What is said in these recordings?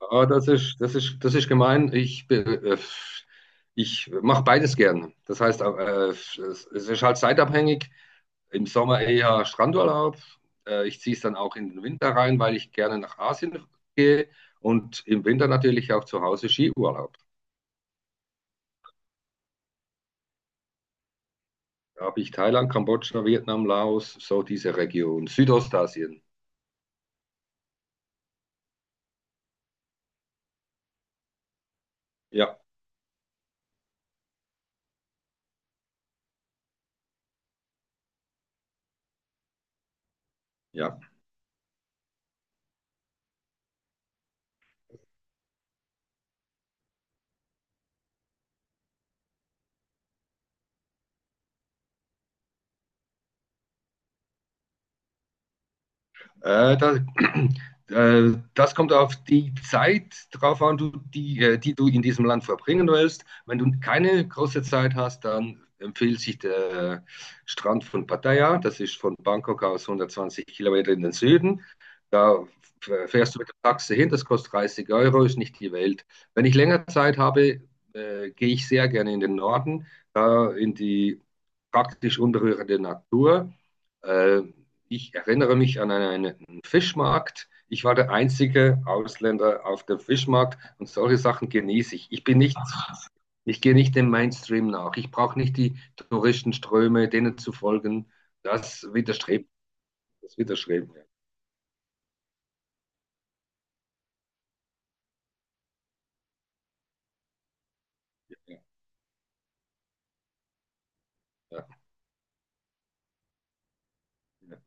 Das ist, das ist, das ist gemein. Ich mache beides gern. Das heißt, es ist halt zeitabhängig. Im Sommer eher Strandurlaub. Ich ziehe es dann auch in den Winter rein, weil ich gerne nach Asien gehe. Und im Winter natürlich auch zu Hause Skiurlaub. Da habe ich Thailand, Kambodscha, Vietnam, Laos, so diese Region, Südostasien. Ja, ja. Äh, da, das kommt auf die Zeit drauf an, du, die, die du in diesem Land verbringen willst. Wenn du keine große Zeit hast, dann empfiehlt sich der Strand von Pattaya. Das ist von Bangkok aus 120 Kilometer in den Süden. Da fährst du mit der Taxe hin, das kostet 30 Euro, ist nicht die Welt. Wenn ich länger Zeit habe, gehe ich sehr gerne in den Norden, in die praktisch unberührte Natur. Äh, Ich erinnere mich an einen Fischmarkt. Ich war der einzige Ausländer auf dem Fischmarkt und solche Sachen genieße ich. Ich bin nicht, ich gehe nicht dem Mainstream nach. Ich brauche nicht die Touristenströme, denen zu folgen. Das widerstrebt, das widerstrebt mir. Ja, ja. Ja.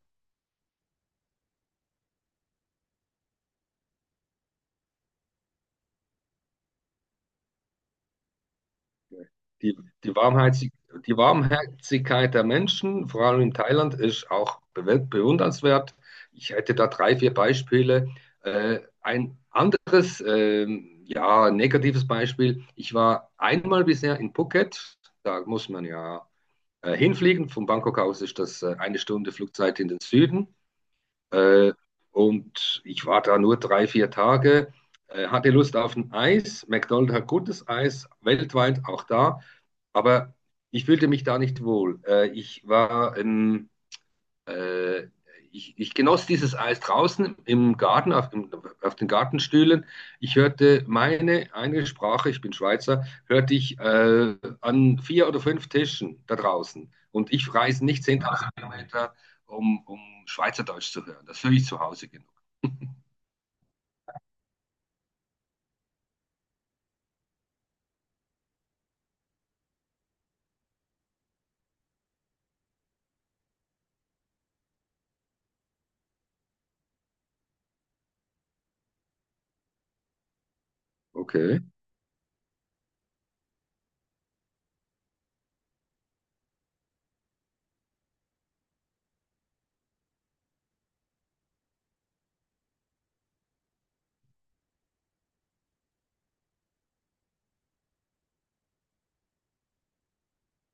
Die, die Warmherzig, Die Warmherzigkeit der Menschen, vor allem in Thailand, ist auch bewundernswert. Ich hätte da drei, vier Beispiele. Ein anderes, ja, negatives Beispiel. Ich war einmal bisher in Phuket. Da muss man ja hinfliegen. Von Bangkok aus ist das eine Stunde Flugzeit in den Süden. Äh, und ich war da nur drei, vier Tage. Hatte Lust auf ein Eis. McDonald's hat gutes Eis, weltweit auch da. Aber ich fühlte mich da nicht wohl. Ich war, äh, ich genoss dieses Eis draußen im Garten, auf den Gartenstühlen. Ich hörte meine eine Sprache, ich bin Schweizer, hörte ich an vier oder fünf Tischen da draußen. Und ich reise nicht 10.000 Kilometer, um Schweizerdeutsch zu hören. Das höre ich zu Hause genug. Okay.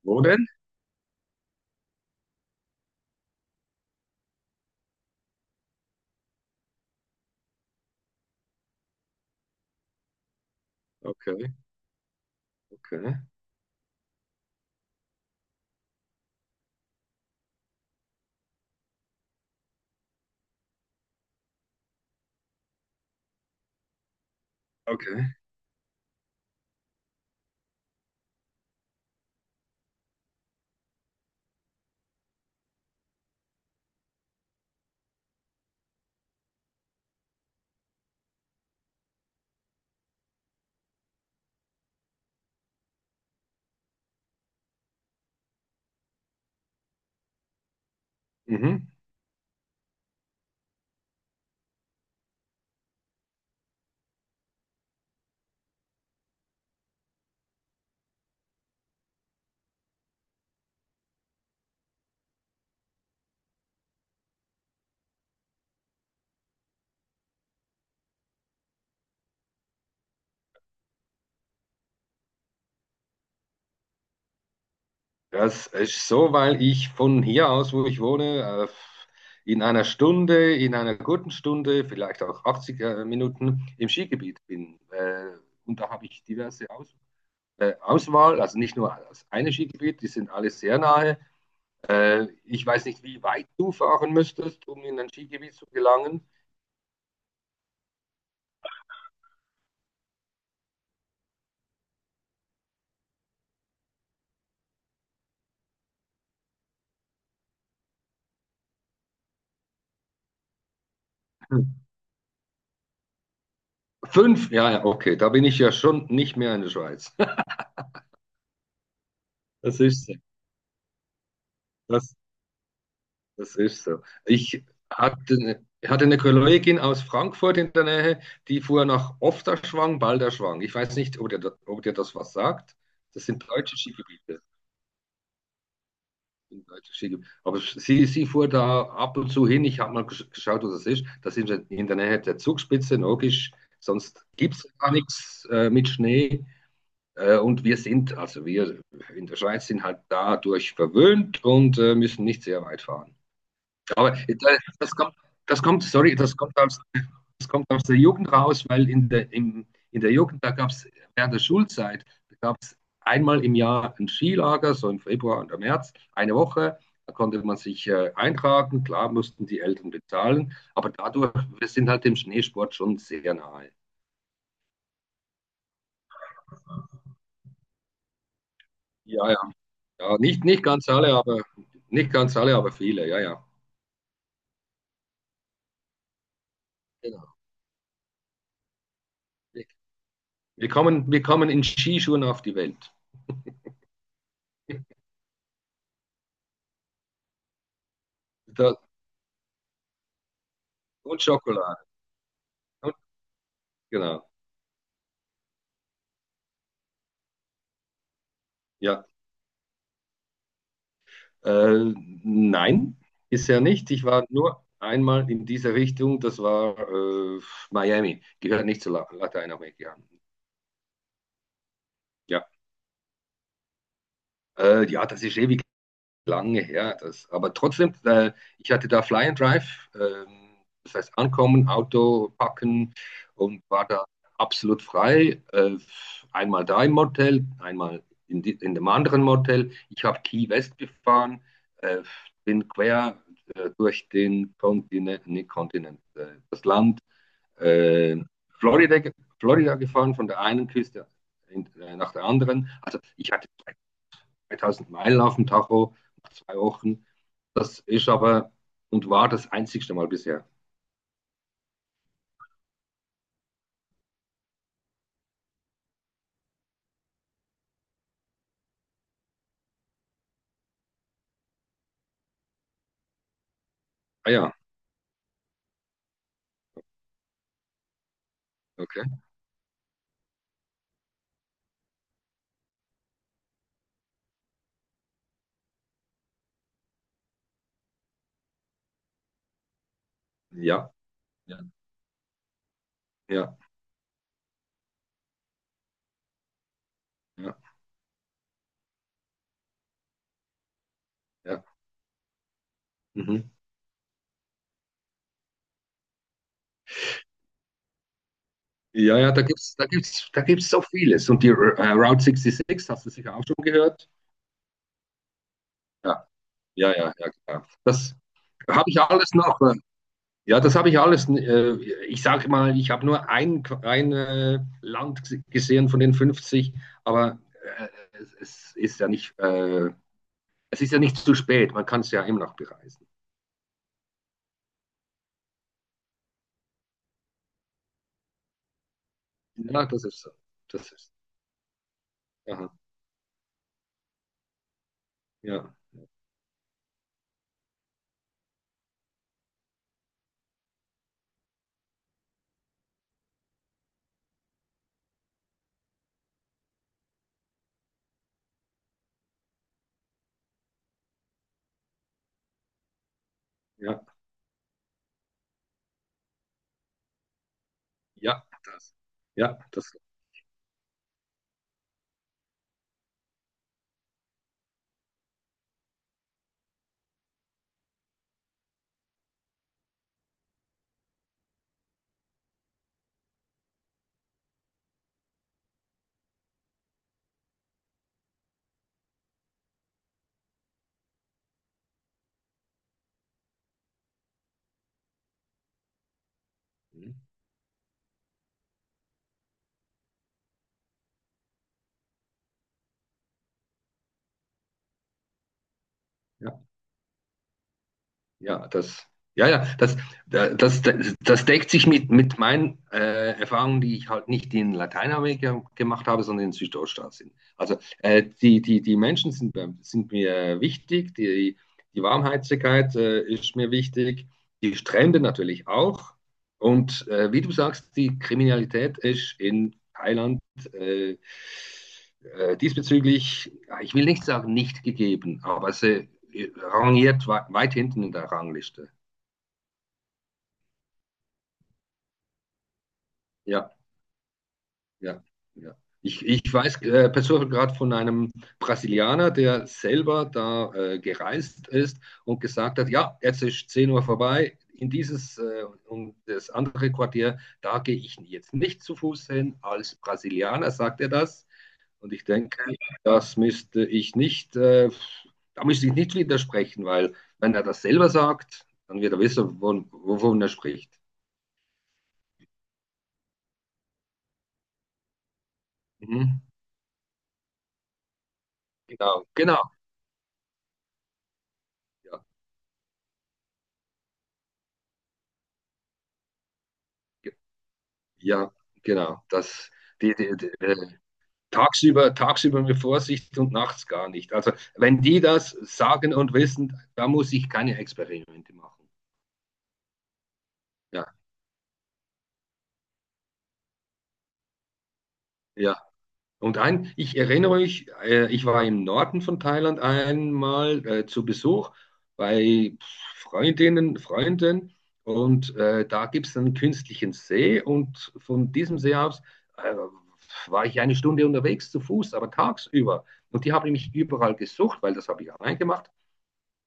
Wo denn? Okay, okay, okay. Mhm. Das ist so, weil ich von hier aus, wo ich wohne, in einer Stunde, in einer guten Stunde, vielleicht auch 80 Minuten im Skigebiet bin. Und da habe ich diverse Aus Auswahl, also nicht nur das eine Skigebiet, die sind alle sehr nahe. Ich weiß nicht, wie weit du fahren müsstest, um in ein Skigebiet zu gelangen. Fünf, ja, ja, okay, da bin ich ja schon nicht mehr in der Schweiz. Das ist sie. Das Das ist so. Ich hatte, ne, ich hatte eine Kollegin aus Frankfurt in der Nähe, die fuhr nach Ofterschwang, Balderschwang. Ich weiß nicht, ob dir das was sagt. Das sind deutsche Skigebiete. Sind deutsche Skigebiete. Aber sie fuhr da ab und zu hin. Ich habe mal geschaut, wo das ist. Das sind wir in der Nähe der Zugspitze, logisch. Sonst gibt es gar nichts mit Schnee. Wir in der Schweiz sind halt dadurch verwöhnt und müssen nicht sehr weit fahren. Aber das kommt, sorry, das kommt aus der Jugend raus, weil in der Jugend, da gab es während der Schulzeit, da gab es einmal im Jahr ein Skilager, so im Februar und im März, eine Woche. Da konnte man sich eintragen, klar mussten die Eltern bezahlen, aber dadurch, wir sind halt dem Schneesport schon sehr nahe. Ja, ja, ja, nicht ganz alle, aber viele, ja, ja. Genau. Wir kommen in Skischuhen auf die Welt. Da, und Schokolade. Und, genau. Ja, äh, nein, bisher nicht. Ich war nur einmal in dieser Richtung, das war Miami, gehört nicht zu Lateinamerika. Ja, ja, das ist ewig lange her. Das, aber trotzdem, ich hatte da Fly and Drive, das heißt ankommen, Auto packen und war da absolut frei. Einmal da im Motel, in dem anderen Motel. Ich habe Key West gefahren, äh, bin quer durch den Kontinent, nicht Kontinent, das Land äh, Florida, Florida gefahren, von der einen Küste nach der anderen. Also ich hatte 3000 Meilen auf dem Tacho nach zwei Wochen. Das ist aber und war das einzigste Mal bisher. Ah ja, okay. Ja, ja, ja, ja. Ja. Mhm. Ja, ja, da gibt's so vieles. Und die Route 66, hast du sicher auch schon gehört? Ja, ja, ja, ja, klar. Das habe ich alles noch. Ja, das habe ich alles. Ich sage mal, ich habe ein Land gesehen von den 50, aber äh, es ist ja nicht es ist ja nicht zu spät, man kann es ja immer noch bereisen. Ja, das ist so. Das ist. Aha. Ja, ja, ja, das. Ja, das. Mhm. Ja. Ja, das, ja, ja, das, da- das, das, das deckt sich mit meinen Erfahrungen, die ich halt nicht in Lateinamerika gemacht habe, sondern in Südostasien. Also die Menschen sind, sind mir wichtig, die, die Warmherzigkeit ist mir wichtig, die Strände natürlich auch. Und wie du sagst, die Kriminalität ist in Thailand äh, diesbezüglich, ja, ich will nicht sagen nicht gegeben, aber sie rangiert weit hinten in der Rangliste. Ja, ja, ja. Ich weiß persönlich gerade von einem Brasilianer, der selber da gereist ist und gesagt hat, ja, jetzt ist 10 Uhr vorbei, in dieses und das andere Quartier, da gehe ich jetzt nicht zu Fuß hin. Als Brasilianer sagt er das. Und ich denke, das müsste ich nicht, da müsste ich nicht widersprechen, weil wenn er das selber sagt, dann wird er wissen, wovon er spricht. Mhm. Genau, genau. Ja, ge- ja genau. Das, die, die, die, äh, tagsüber, tagsüber mit Vorsicht und nachts gar nicht. Also, wenn die das sagen und wissen, da muss ich keine Experimente machen. Ja, ja. Und ein, ich erinnere mich, ich war im Norden von Thailand einmal zu Besuch bei Freundinnen, Freunden und da gibt es einen künstlichen See und von diesem See aus äh, war ich eine Stunde unterwegs zu Fuß, aber tagsüber. Und die habe ich mich überall gesucht, weil das habe ich allein gemacht.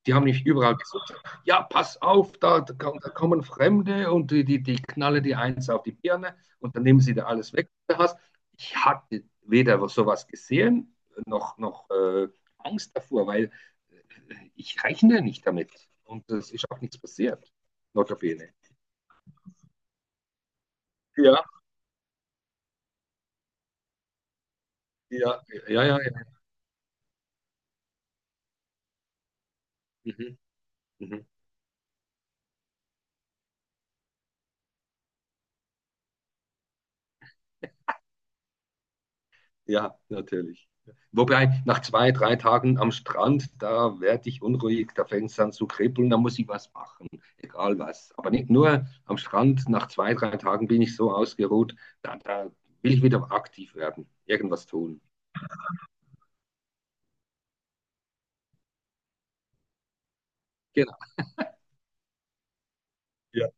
Die haben nicht überall gesucht. Ja, pass auf, da, da kommen Fremde und die knallen dir eins auf die Birne und dann nehmen sie da alles weg, was du hast. Ich hatte weder sowas gesehen, noch Angst davor, weil äh, ich rechne nicht damit. Und es ist auch nichts passiert, notabene. Ja, ja, ja, ja. Ja. Mhm. Mhm. Ja, natürlich. Wobei, nach zwei, drei Tagen am Strand, da werde ich unruhig, da fängt es an zu kribbeln, da muss ich was machen, egal was. Aber nicht nur am Strand, nach zwei, drei Tagen bin ich so ausgeruht, da, da will ich wieder aktiv werden, irgendwas tun. Genau. Ja.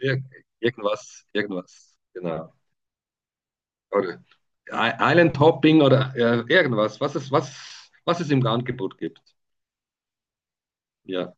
Ir irgendwas, genau. Oder Island Hopping oder irgendwas, was es im Angebot gibt. Ja.